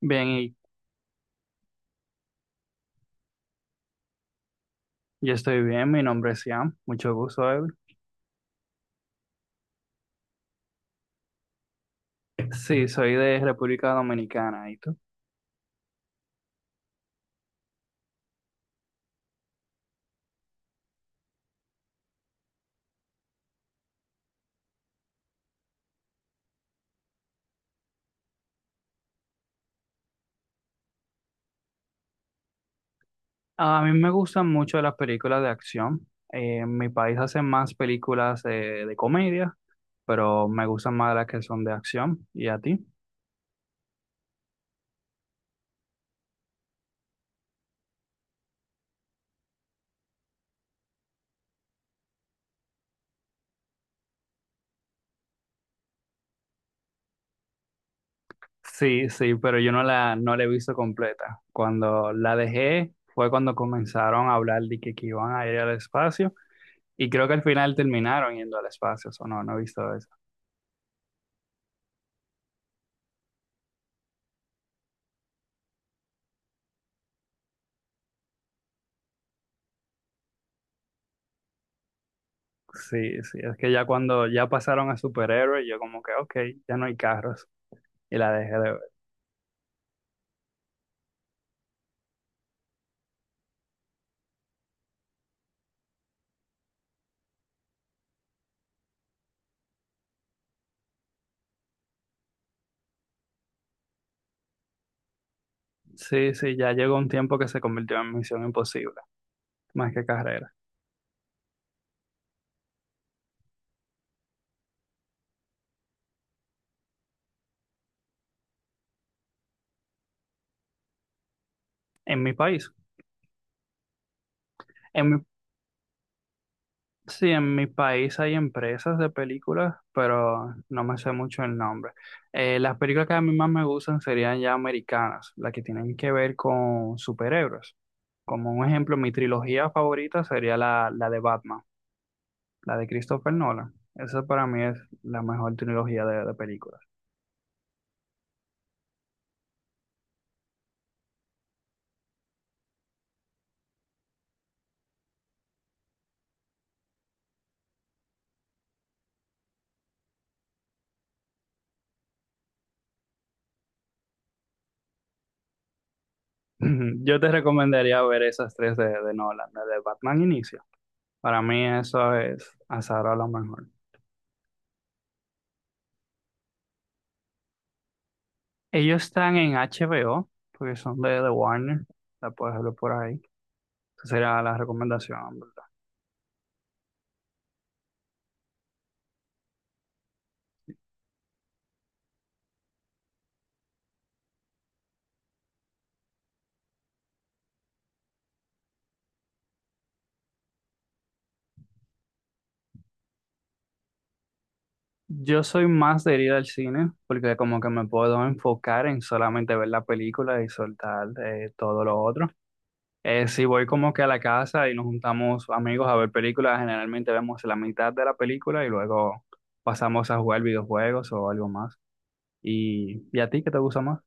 Bien, y yo estoy bien. Mi nombre es Ian. Mucho gusto, Evelyn. Sí, soy de República Dominicana. ¿Y tú? A mí me gustan mucho las películas de acción. En mi país hacen más películas de comedia, pero me gustan más las que son de acción. ¿Y a ti? Sí, sí, pero yo no la he visto completa. Cuando la dejé fue cuando comenzaron a hablar de que iban a ir al espacio y creo que al final terminaron yendo al espacio. O no, no he visto eso. Sí, sí, es que ya cuando ya pasaron a superhéroes, yo como que, ok, ya no hay carros y la dejé de ver. Sí, sí, ya llegó un tiempo que se convirtió en Misión Imposible, más que carrera. En mi país, en mi, sí, en mi país hay empresas de películas, pero no me sé mucho el nombre. Las películas que a mí más me gustan serían ya americanas, las que tienen que ver con superhéroes. Como un ejemplo, mi trilogía favorita sería la de Batman. La de Christopher Nolan. Esa para mí es la mejor trilogía de películas. Yo te recomendaría ver esas tres de Nolan, la de Batman Inicia. Para mí eso es hasta ahora lo mejor. Ellos están en HBO, porque son de Warner, la puedes ver por ahí. Esa sería la recomendación, ¿verdad? Yo soy más de ir al cine porque como que me puedo enfocar en solamente ver la película y soltar todo lo otro. Sí, voy como que a la casa y nos juntamos amigos a ver películas. Generalmente vemos la mitad de la película y luego pasamos a jugar videojuegos o algo más. ¿Y a ti qué te gusta más?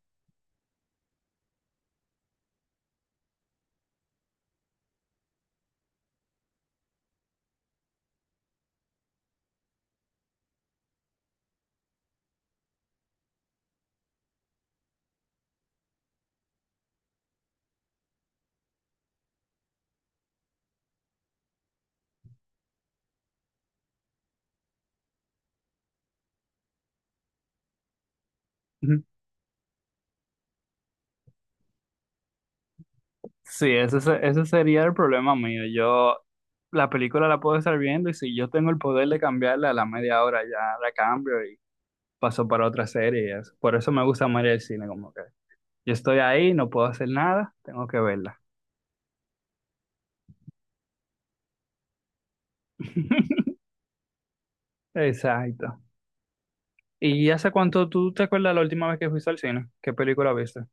Ujú. Sí, ese sería el problema mío. Yo la película la puedo estar viendo y si yo tengo el poder de cambiarla a la media hora ya la cambio y paso para otra serie y eso. Por eso me gusta más ir al cine, como que yo estoy ahí, no puedo hacer nada, tengo que verla. Exacto. ¿Y hace cuánto tú te acuerdas la última vez que fuiste al cine? ¿Qué película viste?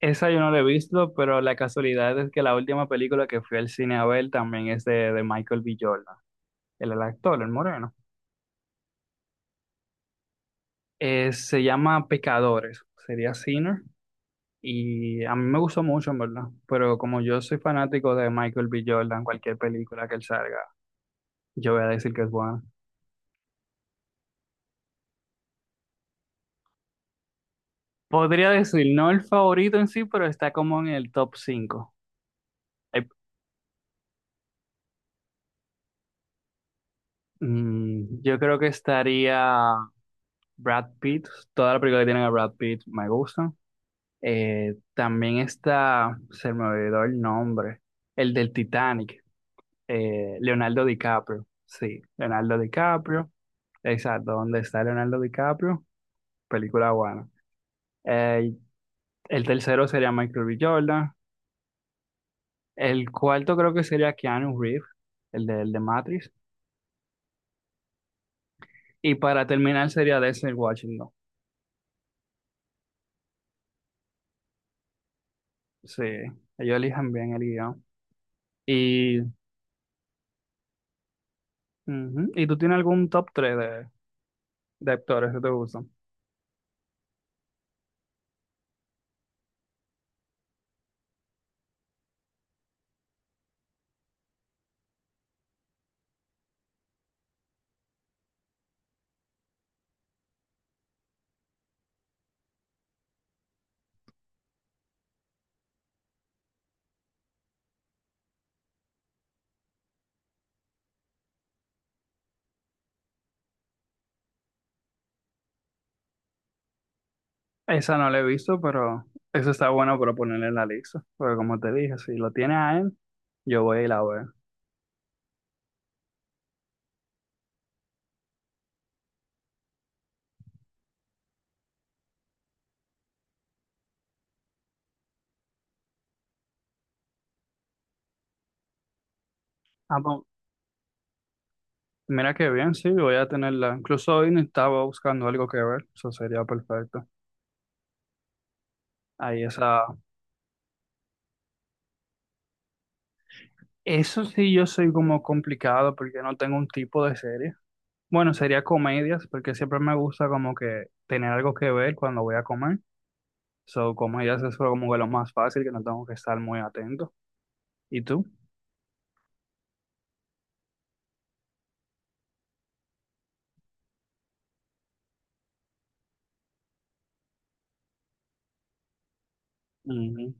Esa yo no la he visto, pero la casualidad es que la última película que fui al cine a ver también es de Michael B. Jordan, el actor, el moreno. Se llama Pecadores, sería Sinner, y a mí me gustó mucho, en verdad. Pero como yo soy fanático de Michael B. Jordan, cualquier película que él salga, yo voy a decir que es buena. Podría decir, no el favorito en sí, pero está como en el top cinco. Eh, yo creo que estaría Brad Pitt, toda la película que tienen a Brad Pitt me gusta. También está, se me olvidó el nombre, el del Titanic, Leonardo DiCaprio. Sí, Leonardo DiCaprio. Exacto, ¿dónde está Leonardo DiCaprio? Película buena. Eh, el tercero sería Michael B. Jordan. El cuarto creo que sería Keanu Reeves, el de Matrix. Y para terminar sería Denzel Washington. Sí, ellos eligen bien el guión. Y, ujú, ¿y tú tienes algún top 3 de actores que te gustan? Esa no la he visto, pero eso está bueno para ponerle en la lista. Porque como te dije, si lo tiene a él, yo voy y la veo. Ah, pues, mira qué bien, sí, voy a tenerla. Incluso hoy no estaba buscando algo que ver, eso sería perfecto. Ahí esa. Eso sí, yo soy como complicado porque no tengo un tipo de serie. Bueno, sería comedias, porque siempre me gusta como que tener algo que ver cuando voy a comer. So, comedias es como que lo más fácil, que no tengo que estar muy atento. ¿Y tú? Ujú.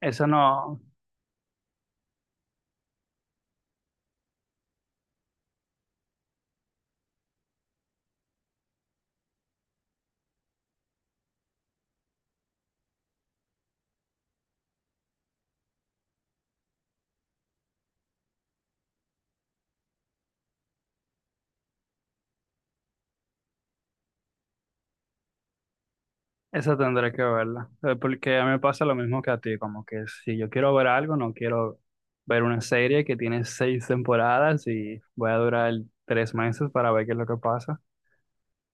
Eso no. Esa tendré que verla, porque a mí me pasa lo mismo que a ti, como que si yo quiero ver algo, no quiero ver una serie que tiene seis temporadas y voy a durar 3 meses para ver qué es lo que pasa.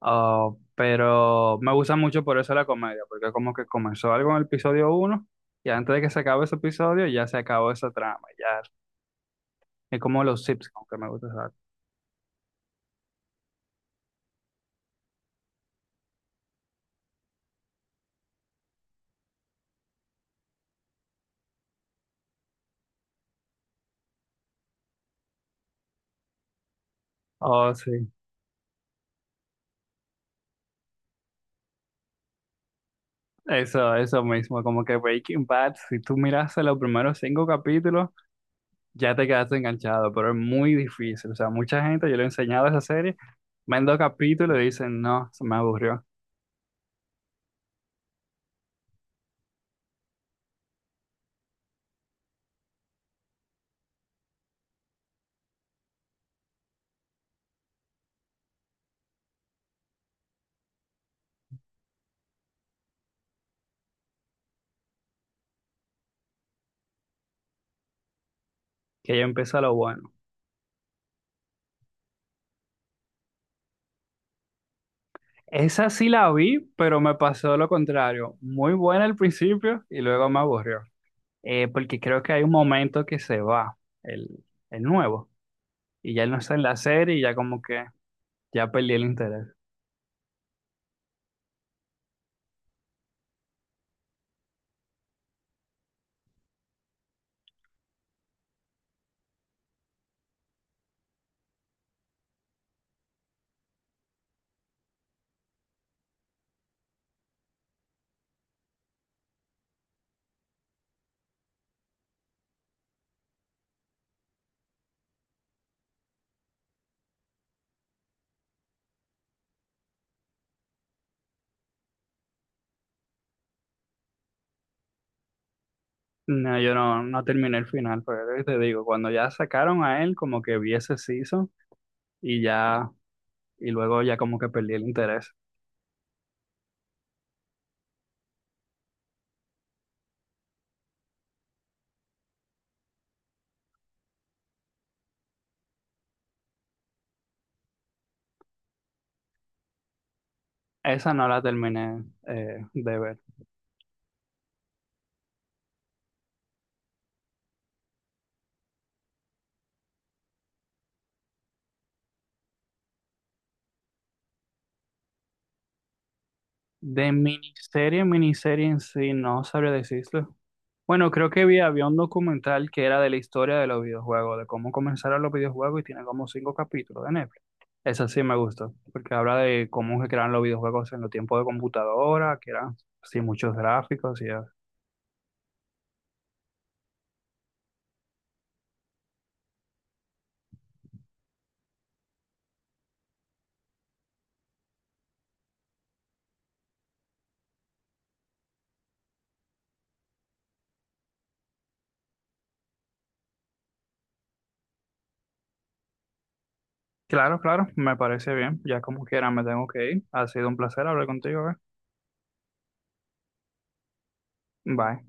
Ah, pero me gusta mucho por eso la comedia, porque como que comenzó algo en el episodio uno y antes de que se acabe ese episodio ya se acabó esa trama, ya es como los Simpsons que me gusta usar. Oh, sí, eso mismo, como que Breaking Bad, si tú miras los primeros cinco capítulos, ya te quedaste enganchado, pero es muy difícil. O sea, mucha gente, yo le he enseñado esa serie, ven dos capítulos y dicen, no, se me aburrió, que ya empieza lo bueno. Esa sí la vi, pero me pasó lo contrario. Muy buena al principio y luego me aburrió. Porque creo que hay un momento que se va, el, el nuevo, y ya él no está en la serie y ya como que ya perdí el interés. No, yo no terminé el final, pero es lo que te digo, cuando ya sacaron a él, como que vi ese season y ya, y luego ya como que perdí el interés. Esa no la terminé de ver. De miniserie, miniserie en sí, no sabría decirlo. Bueno, creo que vi, había un documental que era de la historia de los videojuegos, de cómo comenzaron los videojuegos y tiene como cinco capítulos de Netflix. Esa sí me gustó, porque habla de cómo se crearon los videojuegos en los tiempos de computadora, que eran sin muchos gráficos y eso. Claro, claro, me parece bien. Ya como quiera me tengo que ir. Ha sido un placer hablar contigo. Bye.